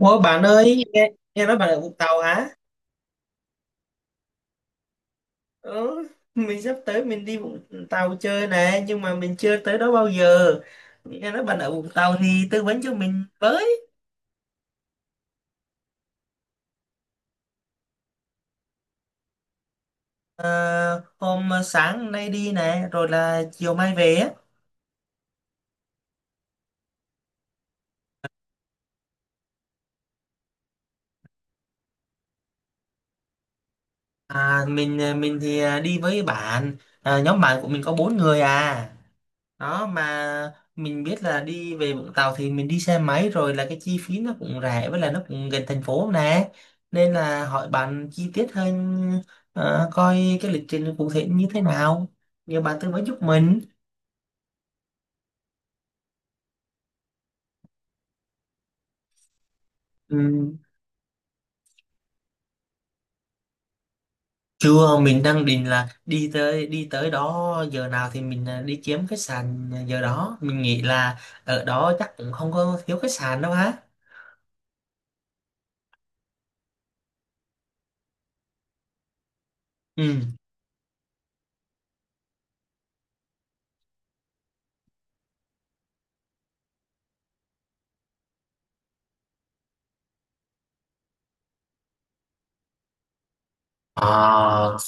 Ủa bạn ơi, nghe nói bạn ở Vũng Tàu hả? Ừ, mình sắp tới mình đi Vũng Tàu chơi nè, nhưng mà mình chưa tới đó bao giờ. Nghe nói bạn ở Vũng Tàu thì tư vấn cho mình với. Ờ, hôm sáng nay đi nè, rồi là chiều mai về á. À, mình thì đi với bạn, nhóm bạn của mình có bốn người à. Đó mà mình biết là đi về Vũng Tàu thì mình đi xe máy rồi là cái chi phí nó cũng rẻ với là nó cũng gần thành phố nè, nên là hỏi bạn chi tiết hơn, coi cái lịch trình cụ thể như thế nào, nhờ bạn tư vấn giúp mình. Ừ. Chưa, mình đang định là đi tới đó giờ nào thì mình đi kiếm khách sạn giờ đó, mình nghĩ là ở đó chắc cũng không có thiếu khách sạn đâu ha. Ừ. À,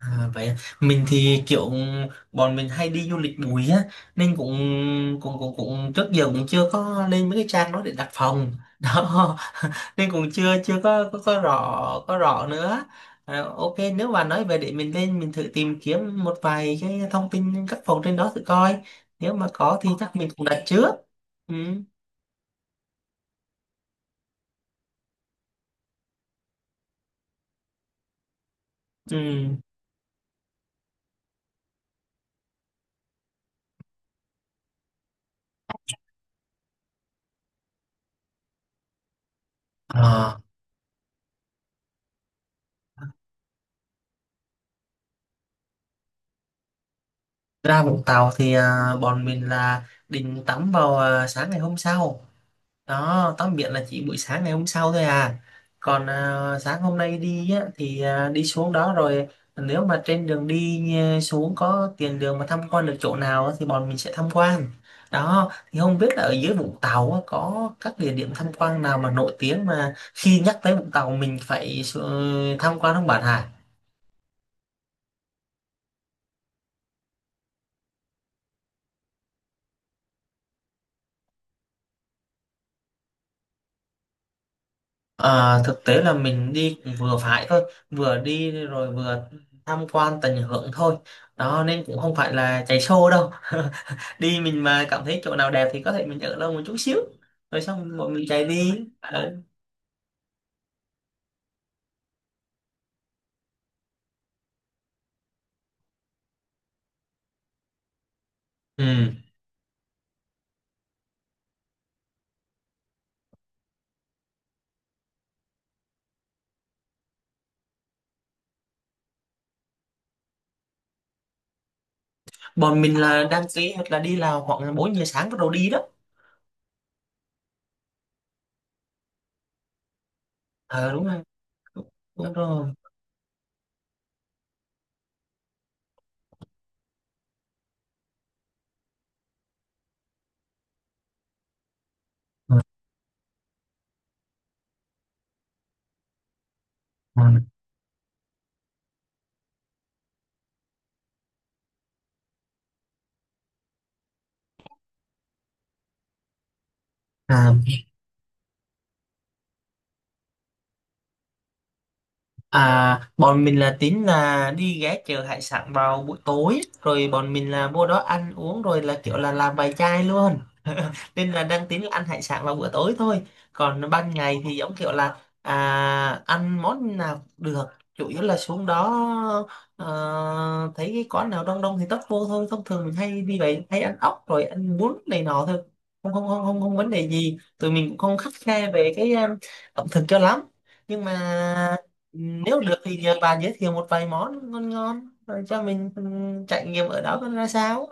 à, vậy à. Mình thì kiểu bọn mình hay đi du lịch bụi á, nên cũng cũng cũng cũng trước giờ cũng chưa có lên mấy cái trang đó để đặt phòng đó, nên cũng chưa chưa có có rõ nữa. À, ok, nếu mà nói về để mình lên mình thử tìm kiếm một vài cái thông tin các phòng trên đó thử coi, nếu mà có thì chắc mình cũng đặt trước. Ừ, ừ. À, ra Vũng Tàu thì bọn mình là định tắm vào sáng ngày hôm sau đó, tắm biển là chỉ buổi sáng ngày hôm sau thôi à. Còn sáng hôm nay đi á, thì đi xuống đó rồi nếu mà trên đường đi xuống có tiền đường mà tham quan được chỗ nào á, thì bọn mình sẽ tham quan. Đó thì không biết là ở dưới Vũng Tàu á, có các địa điểm tham quan nào mà nổi tiếng mà khi nhắc tới Vũng Tàu mình phải tham quan không bạn hả? À, thực tế là mình đi cũng vừa phải thôi, vừa đi rồi vừa tham quan tận hưởng thôi, đó nên cũng không phải là chạy show đâu. Đi mình mà cảm thấy chỗ nào đẹp thì có thể mình ở lâu một chút xíu rồi xong bọn mình chạy đi. Ờ. Ừ. Bọn mình là đăng ký hoặc là đi là khoảng 4 giờ sáng bắt đầu đi đó. Ờ, đúng rồi. Đúng rồi. Ừ. À, à, bọn mình là tính là đi ghé chợ hải sản vào buổi tối rồi bọn mình là vô đó ăn uống rồi là kiểu là làm bài chai luôn, nên là đang tính là ăn hải sản vào bữa tối thôi. Còn ban ngày thì giống kiểu là ăn món nào cũng được, chủ yếu là xuống đó, ờ, thấy cái quán nào đông đông thì tấp vô thôi. Thông thường mình hay đi vậy, hay ăn ốc rồi ăn bún này nọ thôi. Không, không, không, không, không vấn đề gì, tụi mình cũng không khắt khe về cái ẩm thực cho lắm. Nhưng mà nếu được thì nhờ bà giới thiệu một vài món ngon ngon rồi cho mình trải nghiệm ở đó coi ra sao.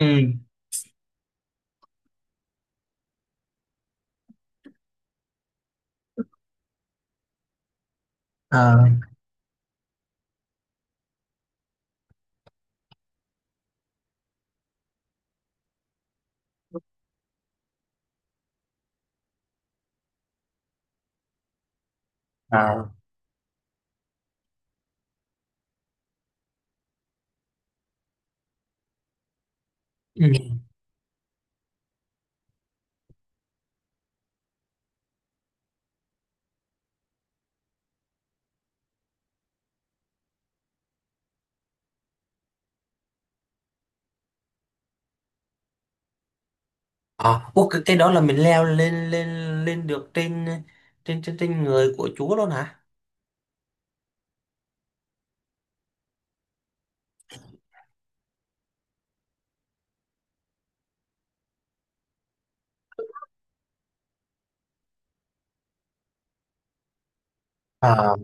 Ừ. Ờ. À. Ừ. À, ô, cái đó là mình leo lên lên lên được trên trên trên trên người của Chúa luôn hả? À.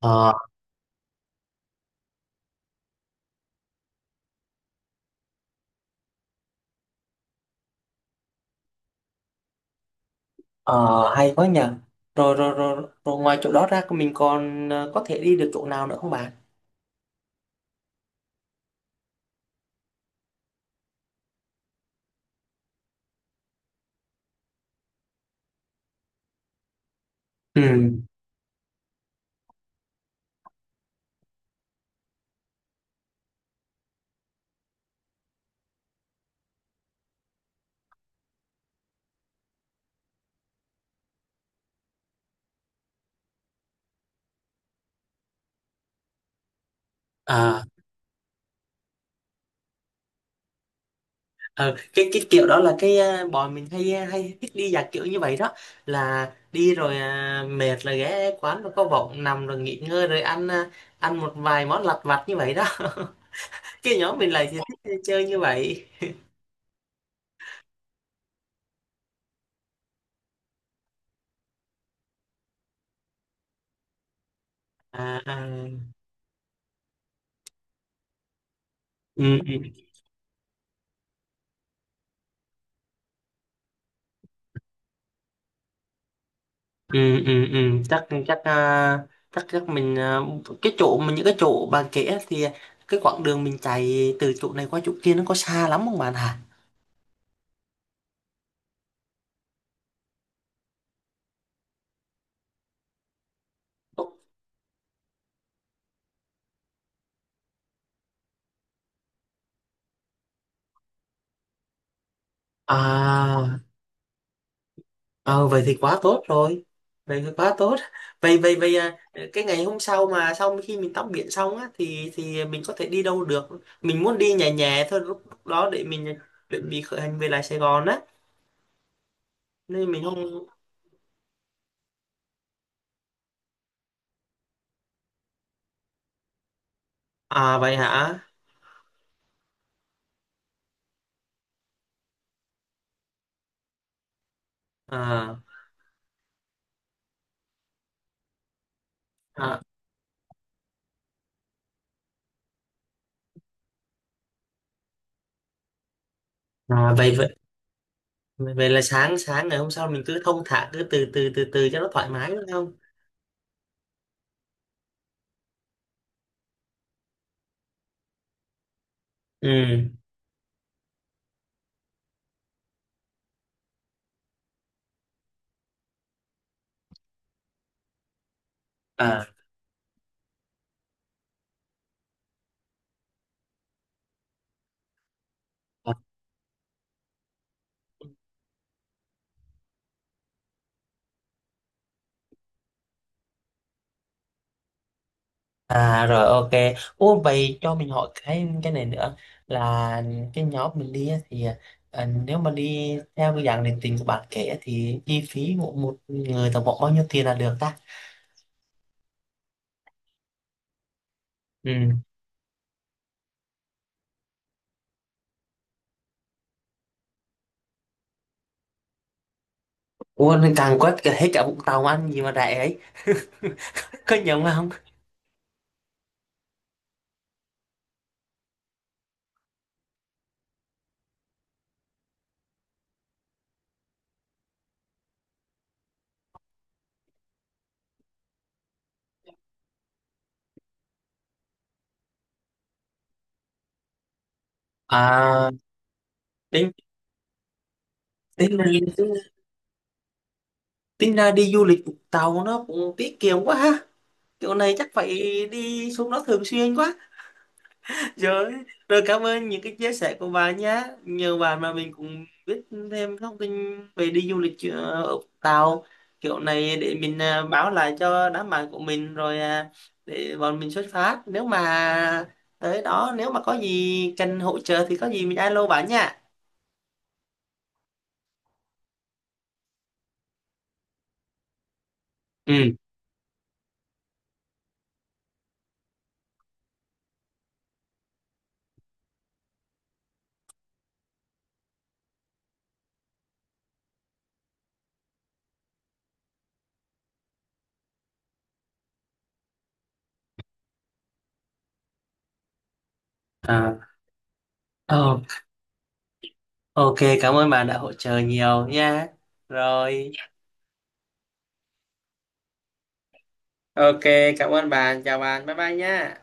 Ờ, ờ, hay quá nhỉ. Rồi, rồi, rồi, rồi, ngoài chỗ đó ra mình còn có thể đi được chỗ nào nữa không bạn? Ừ. À, ờ, cái kiểu đó là cái, bọn mình hay thích đi dạng kiểu như vậy đó, là đi rồi mệt là ghé quán rồi có võng nằm rồi nghỉ ngơi rồi ăn, ăn một vài món lặt vặt như vậy đó. Cái nhóm mình lại thì thích chơi như vậy. À, à. Ừ, ừ, ừ, ừ, ừ. chắc chắc chắc chắc mình cái chỗ mình những cái chỗ bạn kể á thì cái quãng đường mình chạy từ chỗ này qua chỗ kia nó có xa lắm không bạn hả? À. Ờ, vậy thì quá tốt rồi, vậy thì quá tốt. Vậy vậy vậy cái ngày hôm sau mà sau khi mình tắm biển xong á thì mình có thể đi đâu được? Mình muốn đi nhẹ nhẹ thôi, lúc lúc đó để mình chuẩn bị khởi hành về lại Sài Gòn á, nên mình không... À, vậy hả? À, à, à, vậy Vậy Là sáng sáng ngày hôm sau mình cứ thong thả, cứ từ từ từ từ cho nó thoải mái đúng không? Ừ. À, à rồi, ok. Ô, vậy cho mình hỏi cái này nữa, là cái nhóm mình đi á thì, nếu mà đi theo cái dạng định tình của bạn kể á thì chi phí một một người tổng cộng bao nhiêu tiền là được ta? Ừ. Ủa nên càng quét cả hết cả Vũng Tàu ăn gì mà rẻ ấy. Có nhầm không? À, tính tính tính tính ra đi du lịch Vũng Tàu nó cũng tiết kiệm quá ha. Chỗ này chắc phải đi xuống đó thường xuyên quá. Rồi, rồi, cảm ơn những cái chia sẻ của bà nhé. Nhờ bà mà mình cũng biết thêm thông tin về đi du lịch, ở Tàu. Kiểu này để mình báo lại cho đám bạn của mình rồi, à, để bọn mình xuất phát. Nếu mà tới đó, nếu mà có gì cần hỗ trợ thì có gì mình alo bà nha. Ừ. À, ờ, ok, cảm ơn bạn đã hỗ trợ nhiều nha. Rồi. Ok, cảm ơn bạn. Chào bạn. Bye bye nha.